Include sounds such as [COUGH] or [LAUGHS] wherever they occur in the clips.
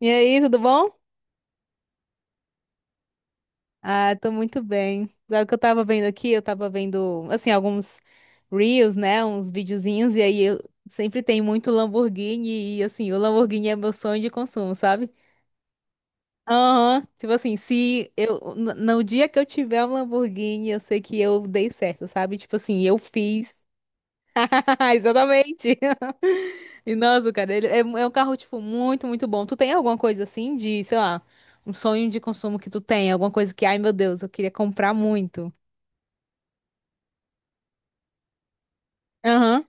E aí, tudo bom? Ah, tô muito bem. Sabe o que eu tava vendo aqui? Eu tava vendo, assim, alguns reels, né? Uns videozinhos, e aí eu sempre tem muito Lamborghini, e assim, o Lamborghini é meu sonho de consumo, sabe? Aham, tipo assim, se eu, no dia que eu tiver um Lamborghini, eu sei que eu dei certo, sabe? Tipo assim, eu fiz. [LAUGHS] Exatamente. [LAUGHS] E nossa, cara, ele é um carro, tipo, muito, muito bom. Tu tem alguma coisa assim de, sei lá, um sonho de consumo que tu tem? Alguma coisa que, ai meu Deus, eu queria comprar muito. Aham.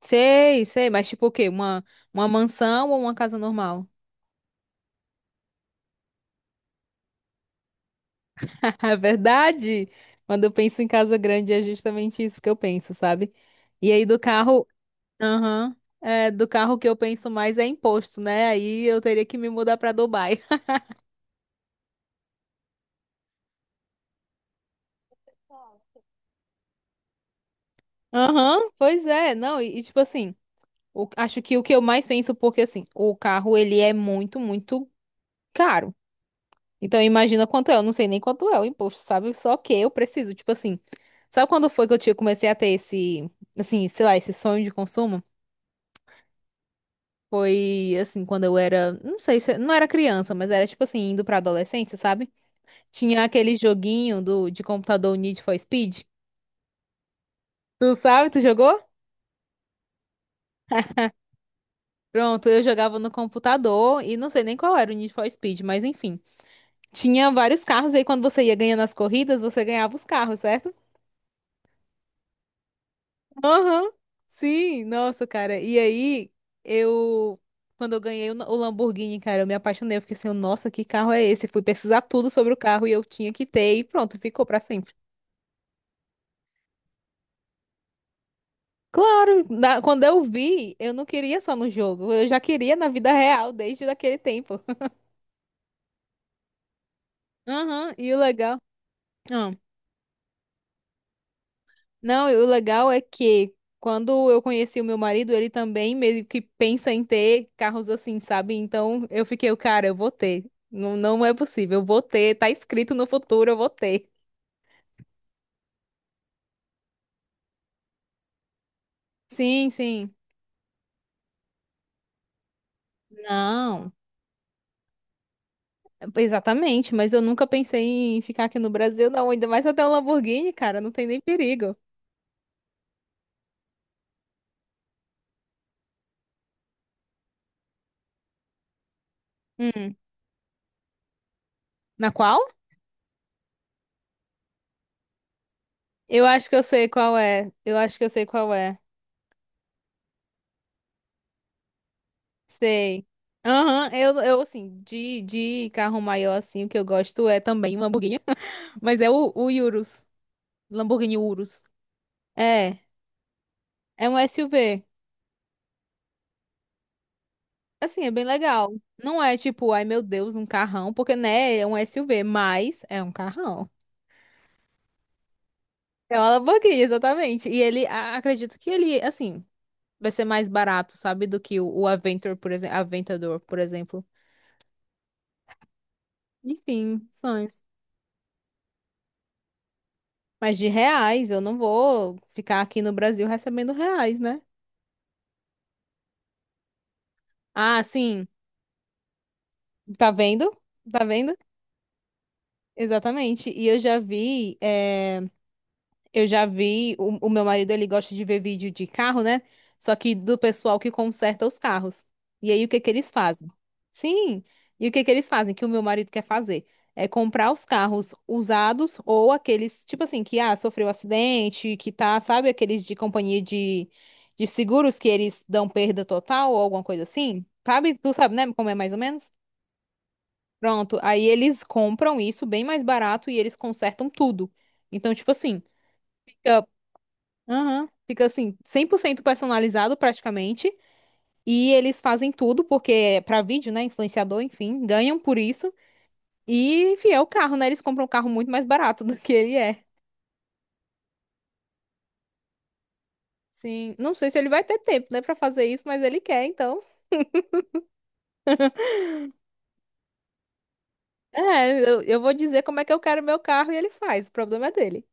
Sei, sei, mas tipo o quê? Uma mansão ou uma casa normal? [LAUGHS] É verdade. Quando eu penso em casa grande, é justamente isso que eu penso, sabe? E aí do carro, aham, é, do carro que eu penso mais é imposto, né? Aí eu teria que me mudar pra Dubai. [LAUGHS] Aham, pois é, não, e tipo assim, acho que o que eu mais penso, porque assim, o carro ele é muito, muito caro. Então imagina quanto é, eu não sei nem quanto é o imposto, sabe? Só que eu preciso, tipo assim, sabe quando foi que eu tinha, comecei a ter esse, assim, sei lá, esse sonho de consumo? Foi assim, quando eu era, não sei, não era criança, mas era tipo assim, indo pra adolescência, sabe? Tinha aquele joguinho do, de computador Need for Speed. Tu sabe, tu jogou? Pronto, eu jogava no computador e não sei nem qual era o Need for Speed, mas enfim. Tinha vários carros e aí quando você ia ganhando as corridas, você ganhava os carros, certo? Aham. Sim, nossa, cara. E aí, eu. Quando eu ganhei o Lamborghini, cara, eu me apaixonei. Eu fiquei assim, nossa, que carro é esse? Fui pesquisar tudo sobre o carro e eu tinha que ter e pronto, ficou pra sempre. Claro, quando eu vi, eu não queria só no jogo, eu já queria na vida real desde daquele tempo. [LAUGHS] Aham, e o legal. Não, e o legal é que quando eu conheci o meu marido, ele também meio que pensa em ter carros assim, sabe? Então eu fiquei, cara, eu vou ter. Não, não é possível, eu vou ter. Tá escrito no futuro, eu vou ter. Sim, sim. Não, exatamente, mas eu nunca pensei em ficar aqui no Brasil, não. Ainda mais até um Lamborghini, cara, não tem nem perigo. Hum, na qual? Eu acho que eu sei qual é. Eu acho que eu sei qual é. Sei. Aham, eu assim, de carro maior, assim, o que eu gosto é também um Lamborghini, [LAUGHS] mas é o Urus, Lamborghini Urus. É, é um SUV. Assim, é bem legal. Não é tipo, ai meu Deus, um carrão, porque, né, é um SUV, mas é um carrão. É uma Lamborghini, exatamente. E ele, acredito que ele, assim, vai ser mais barato, sabe, do que o Aventor, por exemplo, Aventador, por exemplo. Enfim, sonhos. Mas de reais, eu não vou ficar aqui no Brasil recebendo reais, né? Ah, sim. Tá vendo? Tá vendo? Exatamente. E eu já vi. Eu já vi, o meu marido ele gosta de ver vídeo de carro, né? Só que do pessoal que conserta os carros. E aí o que que eles fazem? Sim. E o que que eles fazem? Que o meu marido quer fazer? É comprar os carros usados ou aqueles, tipo assim, que ah, sofreu acidente, que tá, sabe, aqueles de companhia de seguros que eles dão perda total ou alguma coisa assim. Sabe? Tu sabe, né? Como é mais ou menos? Pronto. Aí eles compram isso bem mais barato e eles consertam tudo. Então, tipo assim. Fica Aham. Fica assim, 100% personalizado praticamente. E eles fazem tudo, porque é pra vídeo, né? Influenciador, enfim, ganham por isso. E, enfim, é o carro, né? Eles compram um carro muito mais barato [LAUGHS] do que ele é. Sim, não sei se ele vai ter tempo, né, pra fazer isso, mas ele quer, então. É, eu vou dizer como é que eu quero meu carro e ele faz. O problema é dele.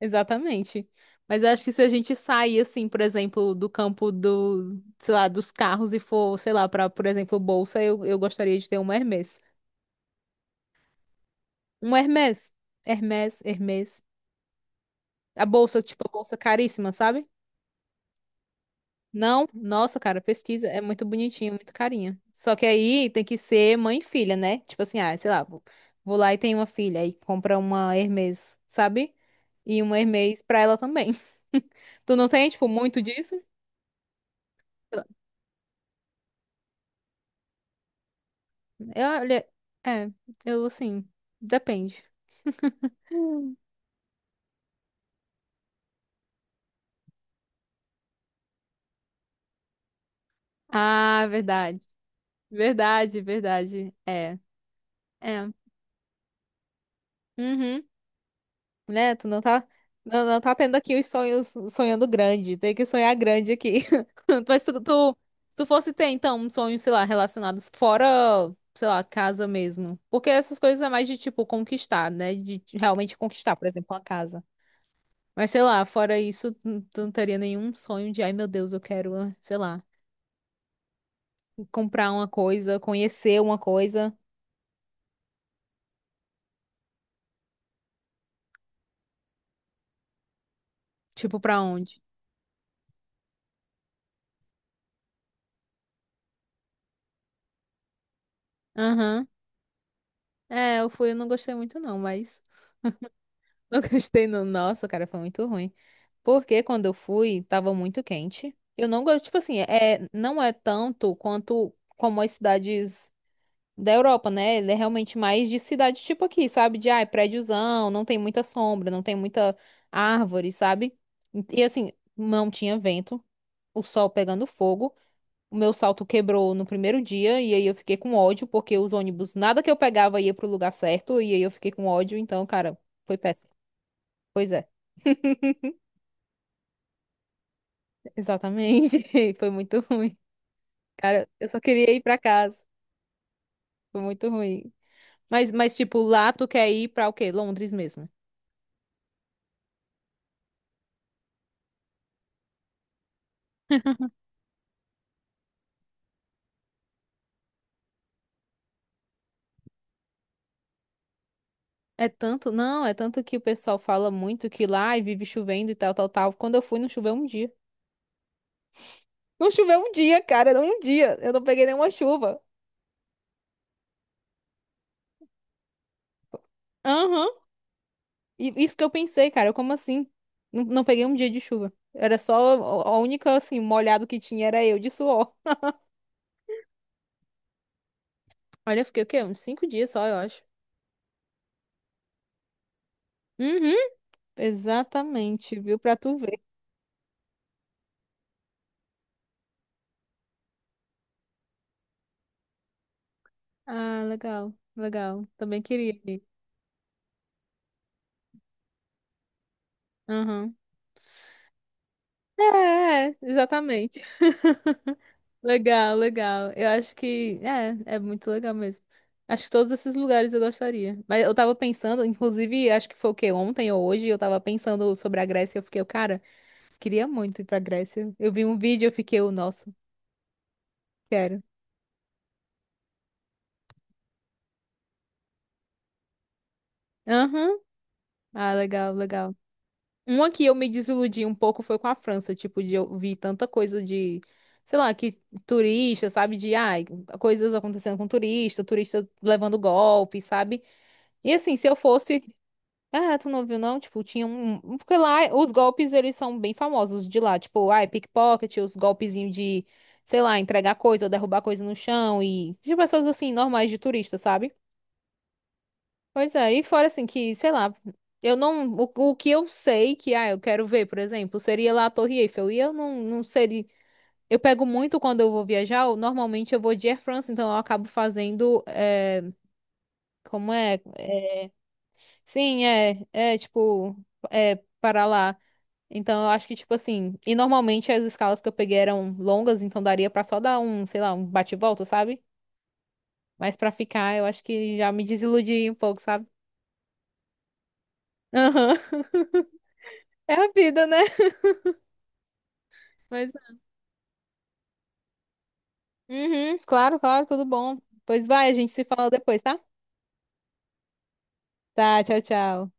Exatamente. Mas eu acho que se a gente sair, assim, por exemplo, do campo do, sei lá, dos carros e for, sei lá, pra, por exemplo, bolsa, eu gostaria de ter uma Hermès. Um Hermès. Hermès, Hermès. A bolsa, tipo, a bolsa caríssima, sabe? Não, nossa, cara, pesquisa. É muito bonitinho, muito carinha. Só que aí tem que ser mãe e filha, né? Tipo assim, ah, sei lá, vou lá e tenho uma filha. Aí compra uma Hermès, sabe? E uma Hermès pra ela também. [LAUGHS] Tu não tem, tipo, muito disso? Eu, olha, é, eu assim, depende. Hum. Ah, verdade. Verdade, verdade. É, é. Uhum. Né? Tu não tá, não, não tá tendo aqui os sonhos sonhando grande. Tem que sonhar grande aqui. [LAUGHS] Mas tu, se tu fosse ter, então, um sonho, sei lá, relacionados fora, sei lá, casa mesmo. Porque essas coisas é mais de, tipo, conquistar, né? De realmente conquistar, por exemplo, uma casa. Mas, sei lá, fora isso, tu não teria nenhum sonho de, ai, meu Deus, eu quero, ah, sei lá, comprar uma coisa, conhecer uma coisa. Tipo, pra onde? Aham. É, eu fui, eu não gostei muito, não, mas [LAUGHS] Não gostei, não. Nossa, cara, foi muito ruim. Porque quando eu fui, tava muito quente. Eu não gosto, tipo assim, é, não é tanto quanto como as cidades da Europa, né? Ele é realmente mais de cidade tipo aqui, sabe? De, ai, prédiozão, não tem muita sombra, não tem muita árvore, sabe? E assim, não tinha vento, o sol pegando fogo. O meu salto quebrou no primeiro dia, e aí eu fiquei com ódio, porque os ônibus, nada que eu pegava ia pro lugar certo, e aí eu fiquei com ódio, então, cara, foi péssimo. Pois é. Exatamente. [LAUGHS] Foi muito ruim. Cara, eu só queria ir pra casa. Foi muito ruim. Mas tipo, lá tu quer ir pra o quê? Londres mesmo. É tanto, não, é tanto que o pessoal fala muito que lá ai, vive chovendo e tal, tal, tal. Quando eu fui, não choveu um dia. Não choveu um dia, cara, não um dia. Eu não peguei nenhuma chuva. Aham. E isso que eu pensei, cara, como assim? Não, não peguei um dia de chuva. Era só a única, assim, molhado que tinha era eu de suor. Olha, eu fiquei o quê? Uns 5 dias só, eu acho. Uhum. Exatamente, viu? Pra tu ver. Ah, legal, legal. Também queria ir. Aham. É, é, exatamente. [LAUGHS] Legal, legal. Eu acho que é muito legal mesmo. Acho que todos esses lugares eu gostaria. Mas eu tava pensando, inclusive, acho que foi o quê? Ontem ou hoje, eu tava pensando sobre a Grécia. Eu fiquei, eu, cara, queria muito ir pra Grécia. Eu vi um vídeo, eu fiquei, eu, nossa, quero. Aham. Ah, legal, legal. Uma que eu me desiludi um pouco foi com a França, tipo, de eu vi tanta coisa de, sei lá, que turista, sabe, de, ai, coisas acontecendo com turista, turista levando golpe, sabe? E assim, se eu fosse, ah, tu não viu não? Tipo, tinha um, porque lá os golpes, eles são bem famosos de lá, tipo, ai, pickpocket, os golpezinhos de, sei lá, entregar coisa ou derrubar coisa no chão e de pessoas assim, normais de turista, sabe? Pois é, e fora assim que, sei lá, eu não, o que eu sei que, ah, eu quero ver, por exemplo, seria lá a Torre Eiffel, e eu não, não seria, eu pego muito quando eu vou viajar, normalmente eu vou de Air France, então eu acabo fazendo, é, como é, É. Sim, é, é, tipo, é, para lá, então eu acho que, tipo assim, e normalmente as escalas que eu peguei eram longas, então daria pra só dar um, sei lá, um bate-volta, sabe? Mas pra ficar, eu acho que já me desiludi um pouco, sabe? Aham, [LAUGHS] é a vida, né? Mas uhum, claro, claro, tudo bom. Pois vai, a gente se fala depois, tá? Tá, tchau, tchau.